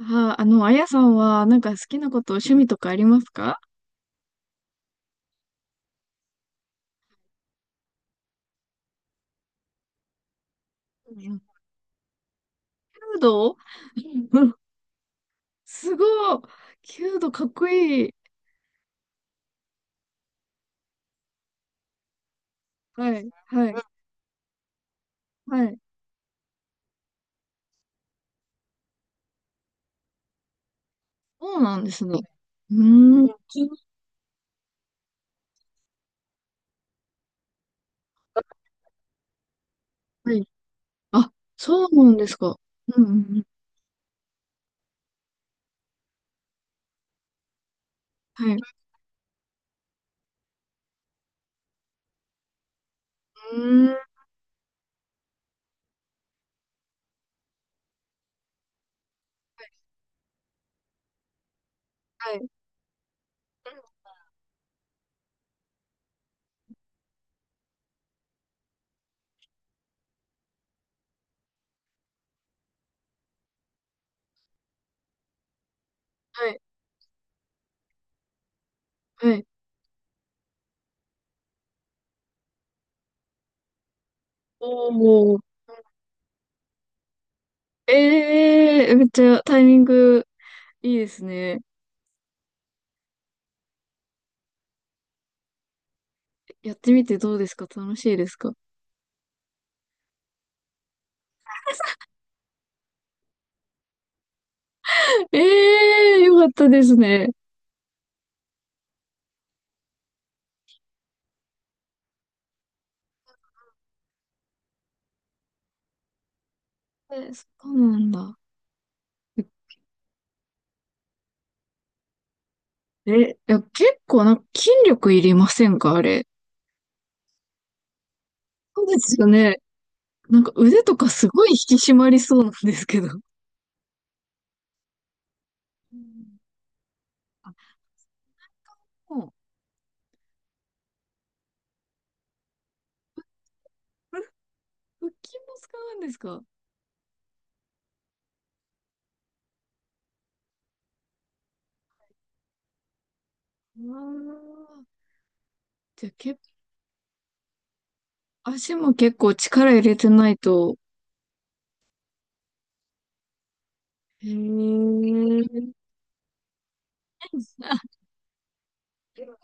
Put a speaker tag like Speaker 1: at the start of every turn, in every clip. Speaker 1: あやさんは、なんか好きなこと、趣味とかありますか？うん。弓道。うん。 すごい。弓道かっこいい。はい、はい、はい。そうなんですね。うーん。はい。あ、そうなんですか？うん、うん、うん。はい。うーん。はい。はい。はい。おー。ええー、めっちゃタイミングいいですね。やってみてどうですか？楽しいですか？ええー、よかったですね。え、そうなんだ。え、いや、結構なんか筋力いりませんか、あれ？そうですよね。なんか腕とかすごい引き締まりそうなんですけど。うん。あ、もう、これ腹筋も使うんですかあ。あ。じゃあ、足も結構力入れてないと。へえ。あ。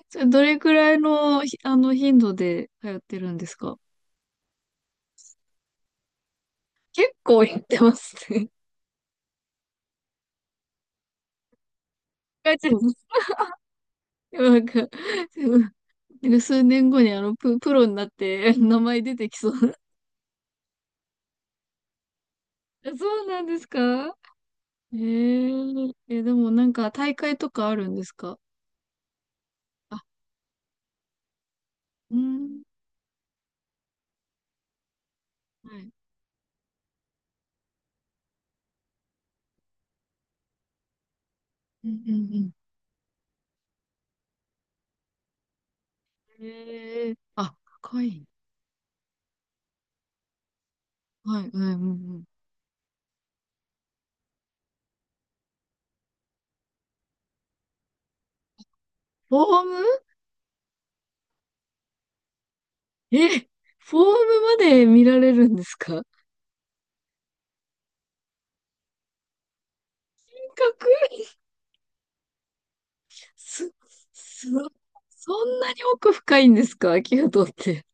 Speaker 1: それどれくらいの、ひあの頻度で通ってるんですか？結構やってますね。書いてます。なんか、なんか、数年後にプロになって名前出てきそう。え、そうなんですか？え、でもなんか大会とかあるんですか？あ、うん。はい。うんうんうん。えー、あ、かわいい。はい、はい、うんうん。フォーム。え、フォームまで見られるんですか？かっこいい。す、す、そんなに奥深いんですかアキュって。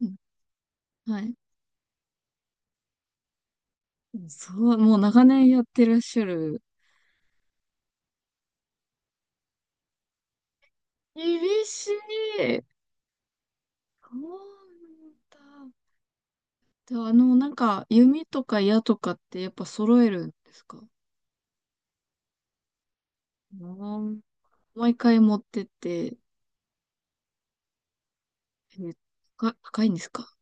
Speaker 1: うん。はい。そう、もう長年やってらっしゃる。厳しい。そうなんだ。では、なんか、弓とか矢とかってやっぱ揃えるんですか？うん。毎回持ってって、え、高いんですか？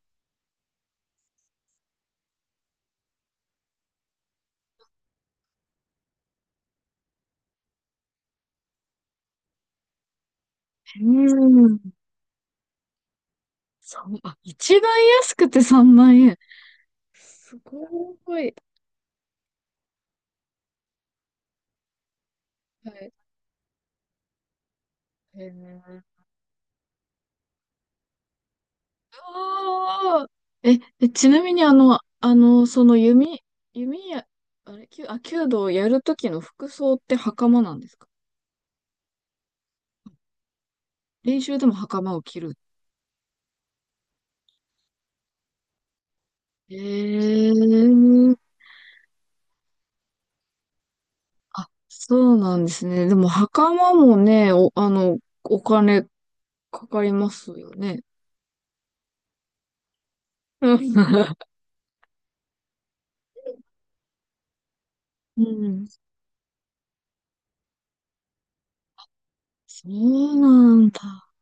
Speaker 1: うーん。そう、あ、一番安くて3万円。すごい。はい。へーあー。え、え、ちなみにその弓、弓や、あれ、弓あ、弓道をやるときの服装って袴なんですか？練習でも袴を着る。ええ。あ、そうなんですね。でも、袴もね、お、あの、お金かかりますよね。うん。うん。そうなんだ。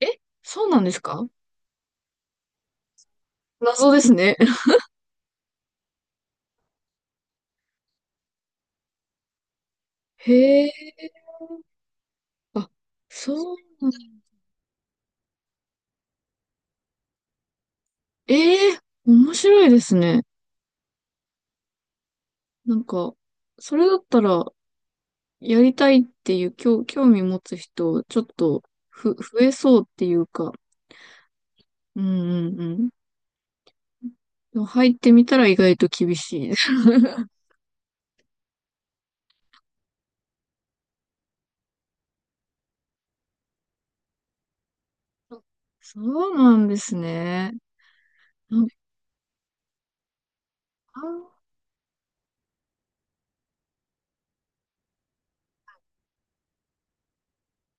Speaker 1: え、そうなんですか？謎ですね。へえ。あ、そうなんだ。ええ、面白いですね。なんか、それだったら、やりたいっていう、興味持つ人、ちょっと、増えそうっていうか。うんうんうん。でも入ってみたら意外と厳しい。あ、そうなんですね。なんか、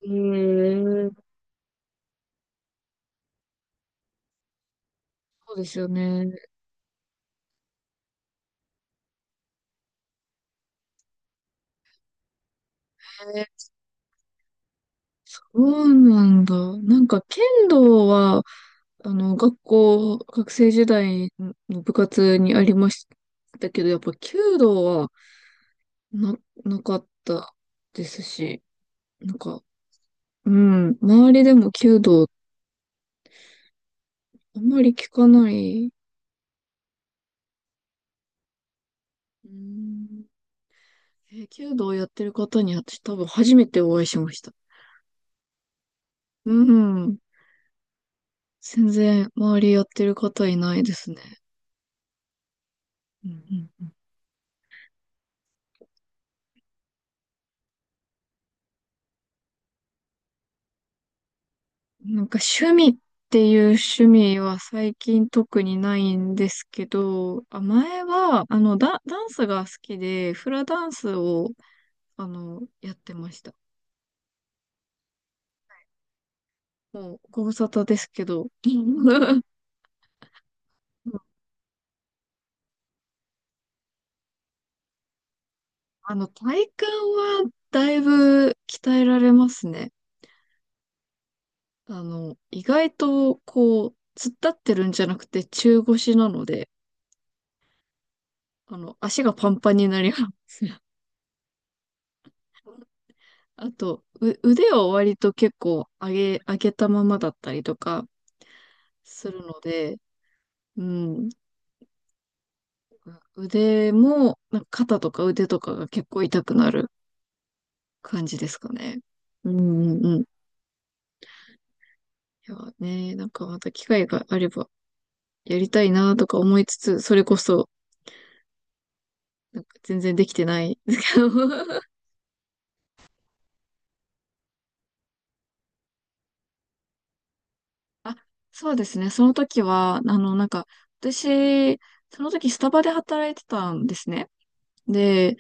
Speaker 1: えー、そうですよね。そうなんだ。なんか、剣道は、学生時代の部活にありましたけど、やっぱ、弓道はな、なかったですし、なんか、うん、周りでも弓道、あんまり聞かない。うん、弓道やってる方に、私多分初めてお会いしました。うん。全然周りやってる方いないですね。うんうんうん。なんか趣味っていう趣味は最近特にないんですけど、あ、前は、ダンスが好きで、フラダンスを、やってました。もう、ご無沙汰ですけど。体幹はだいぶ鍛えられますね。意外と、こう、突っ立ってるんじゃなくて中腰なので、足がパンパンになりますね。あと、腕を割と結構上げたままだったりとかするので、うん、腕も、なんか肩とか腕とかが結構痛くなる感じですかね。うんうんうん。いやね、なんかまた機会があればやりたいなとか思いつつ、それこそ、なんか全然できてないですけど。あ、そうですね。その時は、なんか、私、その時スタバで働いてたんですね。で、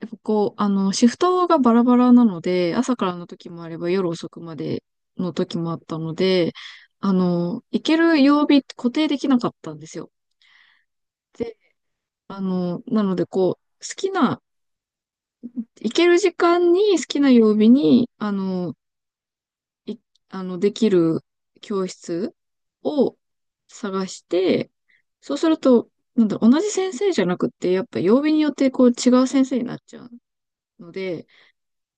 Speaker 1: やっぱこう、シフトがバラバラなので、朝からの時もあれば夜遅くまでの時もあったので、行ける曜日固定できなかったんですよ。で、なのでこう、好きな、行ける時間に好きな曜日に、あの、い、あの、できる教室を探して、そうすると、なんだろう、同じ先生じゃなくって、やっぱ曜日によってこう違う先生になっちゃうので、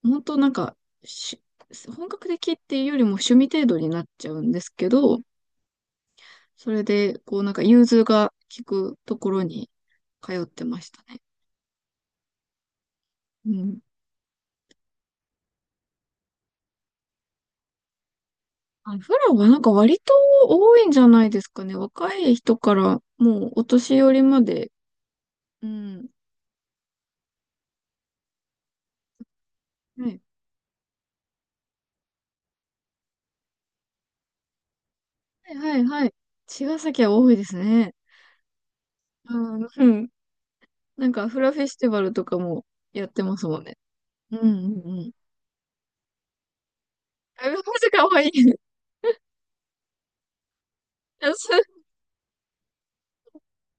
Speaker 1: 本当なんか、し本格的っていうよりも趣味程度になっちゃうんですけど、それで、こうなんか融通が効くところに通ってましたね。うん。あ、フラはなんか割と多いんじゃないですかね。若い人からもうお年寄りまで。うん。はい。はいはいはい。茅ヶ崎は多いですね。うん。うん。なんかフラフェスティバルとかもやってますもんね。うんうんうん。あ、マジかわいい。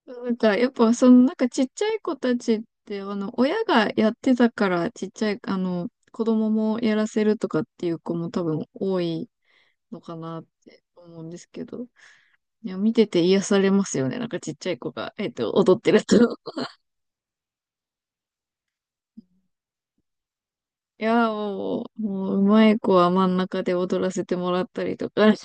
Speaker 1: なんか、やっぱ、ちっちゃい子たちって、親がやってたから、ちっちゃい、子供もやらせるとかっていう子も多分多いのかなって思うんですけど、いや、見てて癒されますよね。なんか、ちっちゃい子が、踊ってると。いや、もう、うまい子は真ん中で踊らせてもらったりとか。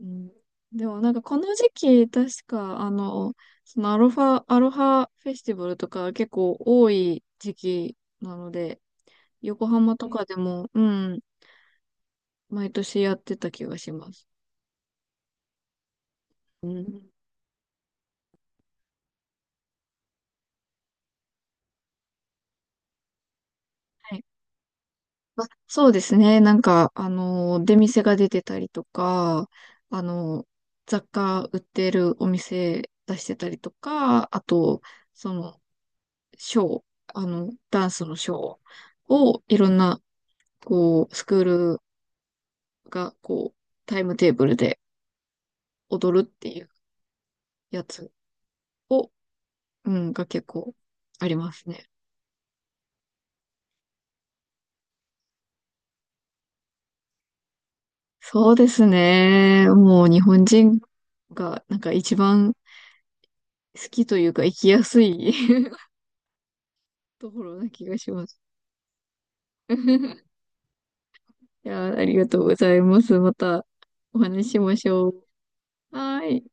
Speaker 1: うん、でも、なんか、この時期、確か、アロハフェスティバルとか結構多い時期なので、横浜とかでも、うん、毎年やってた気がします。うん。はい。まあ、そうですね。なんか、出店が出てたりとか、あの、雑貨売ってるお店出してたりとか、あと、その、ショー、あの、ダンスのショーをいろんな、こう、スクールが、こう、タイムテーブルで踊るっていうやつを、うん、が結構ありますね。そうですね。もう日本人がなんか一番好きというか生きやすい ところな気がします。いやありがとうございます。またお話ししましょう。はい。